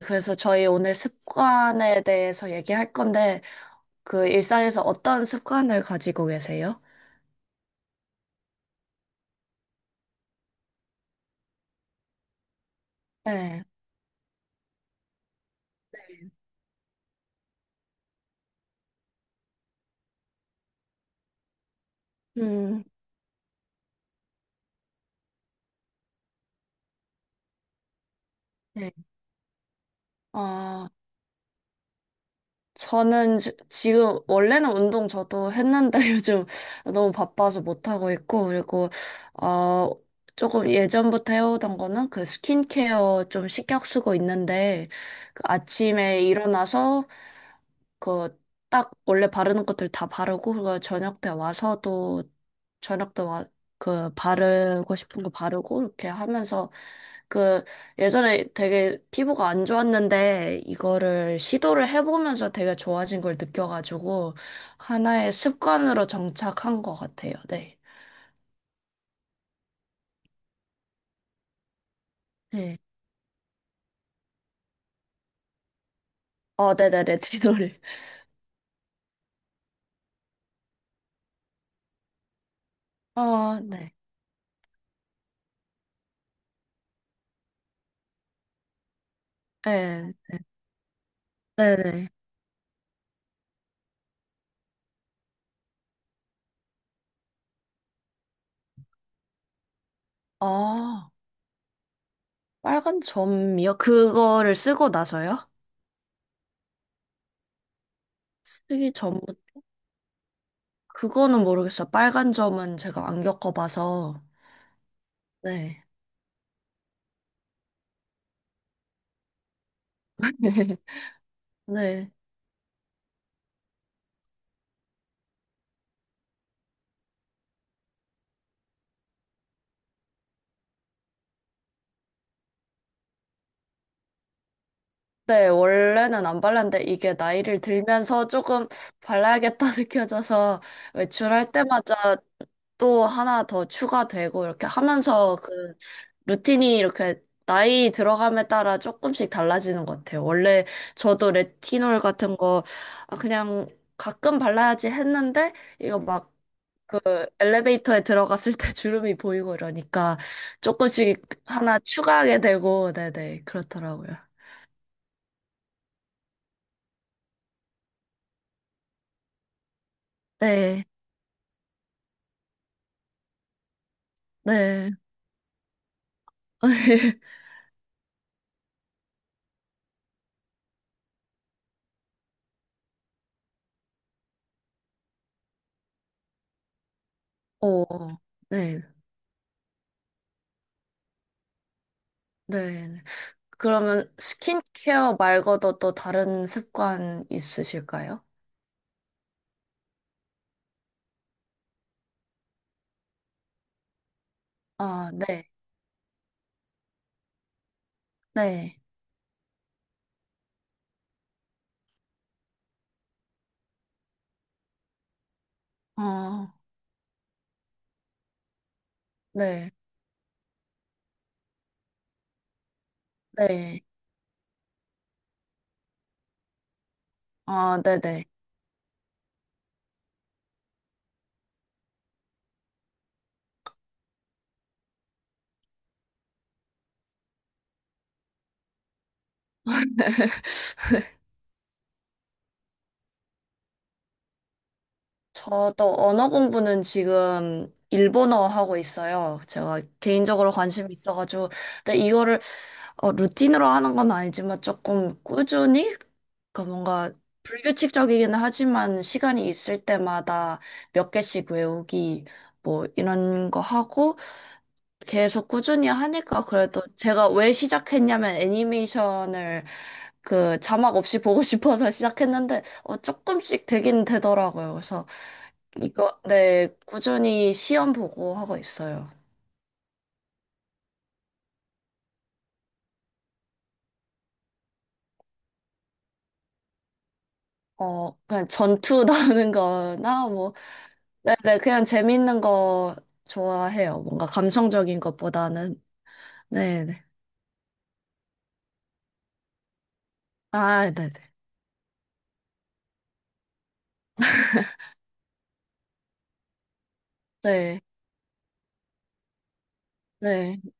그래서 저희 오늘 습관에 대해서 얘기할 건데, 그 일상에서 어떤 습관을 가지고 계세요? 네. 음, 네. 아, 저는 지금 원래는 운동 저도 했는데 요즘 너무 바빠서 못 하고 있고, 그리고 어 조금 예전부터 해오던 거는 그 스킨케어 좀 신경 쓰고 있는데, 그 아침에 일어나서 그 딱 원래 바르는 것들 다 바르고, 그리고 저녁 때 와서도 저녁 때 와 그 바르고 싶은 거 바르고 이렇게 하면서, 그 예전에 되게 피부가 안 좋았는데 이거를 시도를 해보면서 되게 좋아진 걸 느껴가지고 하나의 습관으로 정착한 것 같아요. 네. 네. 어, 네네, 레티놀. 어, 네. 네. 네네. 아, 빨간 점이요? 그거를 쓰고 나서요? 쓰기 전, 그거는 모르겠어요. 빨간 점은 제가 안 겪어봐서. 네. 네. 네, 원래는 안 발랐는데 이게 나이를 들면서 조금 발라야겠다 느껴져서 외출할 때마다 또 하나 더 추가되고 이렇게 하면서, 그 루틴이 이렇게 나이 들어감에 따라 조금씩 달라지는 것 같아요. 원래 저도 레티놀 같은 거 아, 그냥 가끔 발라야지 했는데 이거 막 그 엘리베이터에 들어갔을 때 주름이 보이고 이러니까 조금씩 하나 추가하게 되고, 네네, 그렇더라고요. 네, 네. 어, 네, 네. 그러면 스킨케어 말고도 또 다른 습관 있으실까요? 아, 네, 네. 어, 네, 네. 아, 네네. 저도 언어 공부는 지금 일본어 하고 있어요. 제가 개인적으로 관심이 있어가지고. 근데 이거를 루틴으로 하는 건 아니지만 조금 꾸준히? 그 뭔가 불규칙적이긴 하지만 시간이 있을 때마다 몇 개씩 외우기 뭐 이런 거 하고, 계속 꾸준히 하니까. 그래도 제가 왜 시작했냐면 애니메이션을 그 자막 없이 보고 싶어서 시작했는데 어, 조금씩 되긴 되더라고요. 그래서 이거 네 꾸준히 시험 보고 하고 있어요. 어, 그냥 전투 나오는 거나 뭐 네네 그냥 재밌는 거 좋아해요. 뭔가 감성적인 것보다는. 네네 아 네네 네 네. 네.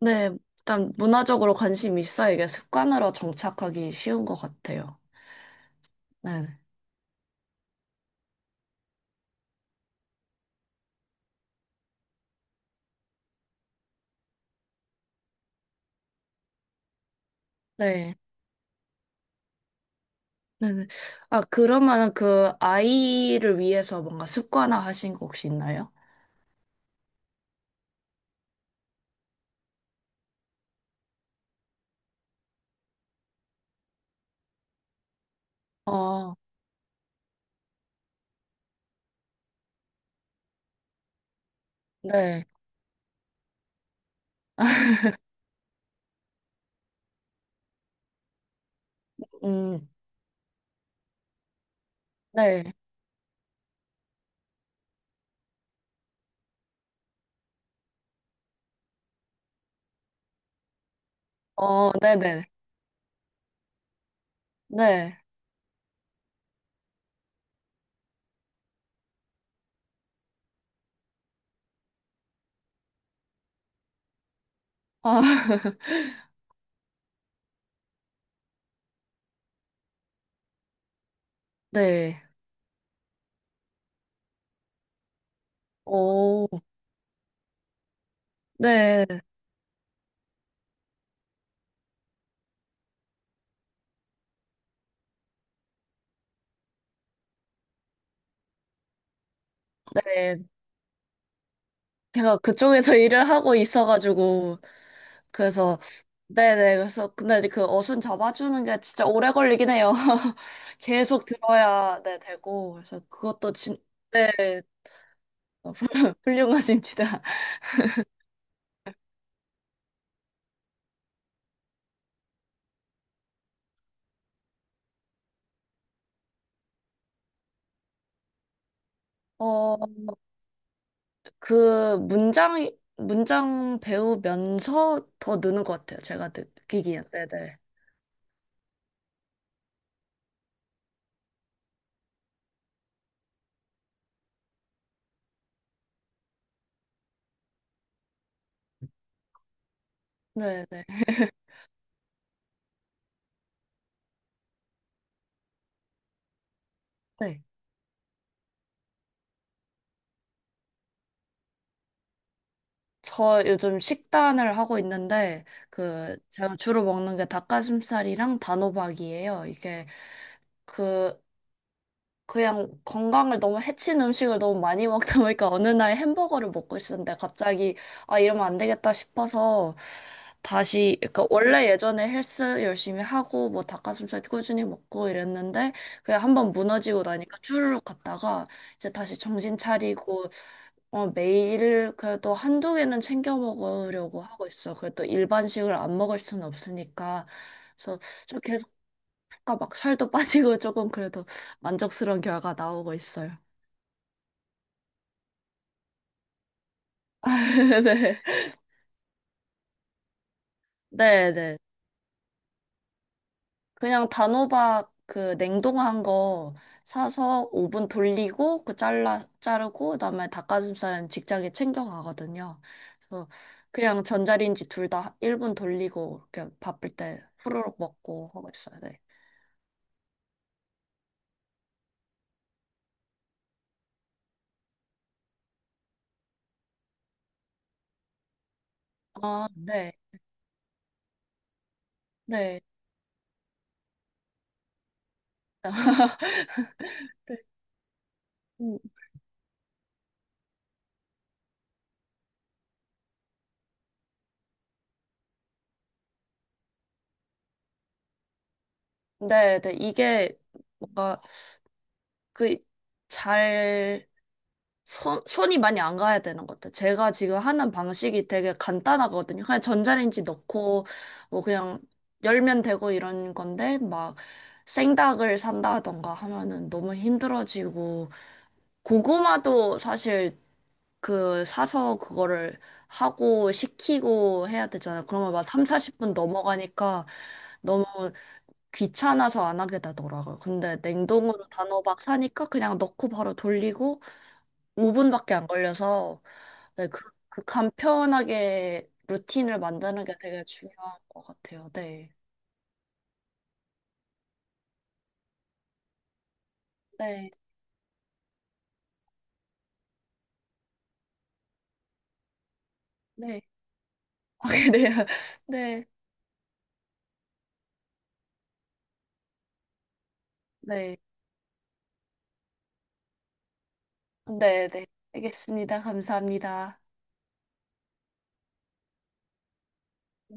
네, 일단 문화적으로 관심이 있어야 이게 습관으로 정착하기 쉬운 것 같아요. 네. 네. 네. 네. 아, 그러면 그 아이를 위해서 뭔가 습관화 하신 거 혹시 있나요? 어, 네. 음, 네. 어, 네네. 네. 아, 네. 오, 네. 네. 제가 그쪽에서 일을 하고 있어가지고 그래서 네네 그래서, 근데 이제 그 어순 잡아주는 게 진짜 오래 걸리긴 해요. 계속 들어야 네 되고. 그래서 그것도 진 네. 훌륭하십니다. 어, 그 문장 배우면서 더 느는 것 같아요. 제가 느끼기엔. 네네. 네네. 네. 저 요즘 식단을 하고 있는데, 그, 제가 주로 먹는 게 닭가슴살이랑 단호박이에요. 이게, 그, 그냥 건강을 너무 해친 음식을 너무 많이 먹다 보니까 어느 날 햄버거를 먹고 있었는데, 갑자기 아 이러면 안 되겠다 싶어서 다시, 그러니까 원래 예전에 헬스 열심히 하고 뭐 닭가슴살 꾸준히 먹고 이랬는데 그냥 한번 무너지고 나니까 쭈르륵 갔다가 이제 다시 정신 차리고 매일 그래도 한두 개는 챙겨 먹으려고 하고 있어. 그래도 일반식을 안 먹을 수는 없으니까. 그래서 아까 막 살도 빠지고 조금 그래도 만족스러운 결과 나오고 있어요. 네. 네네. 그냥 단호박 그 냉동한 거 사서 오븐 돌리고 그 잘라 자르고, 그다음에 닭가슴살은 직장에 챙겨 가거든요. 그래서 그냥 전자레인지 둘 다 1분 돌리고 이렇게 바쁠 때 후루룩 먹고 하고 있어요. 네. 아, 네. 네. 네, 음. 네. 네. 이게 뭔가 그잘 손이 많이 안 가야 되는 것 같아요. 제가 지금 하는 방식이 되게 간단하거든요. 그냥 전자레인지 넣고, 뭐 그냥 열면 되고 이런 건데, 막 생닭을 산다던가 하면은 너무 힘들어지고, 고구마도 사실 그 사서 그거를 하고 식히고 해야 되잖아요. 그러면 막 3, 40분 넘어가니까 너무 귀찮아서 안 하게 되더라고요. 근데 냉동으로 단호박 사니까 그냥 넣고 바로 돌리고 5분밖에 안 걸려서 네, 그, 그 간편하게 루틴을 만드는 게 되게 중요한 것 같아요. 네. 네. 네. 아, 그래요. 네. 네. 네. 네. 알겠습니다. 감사합니다. 네.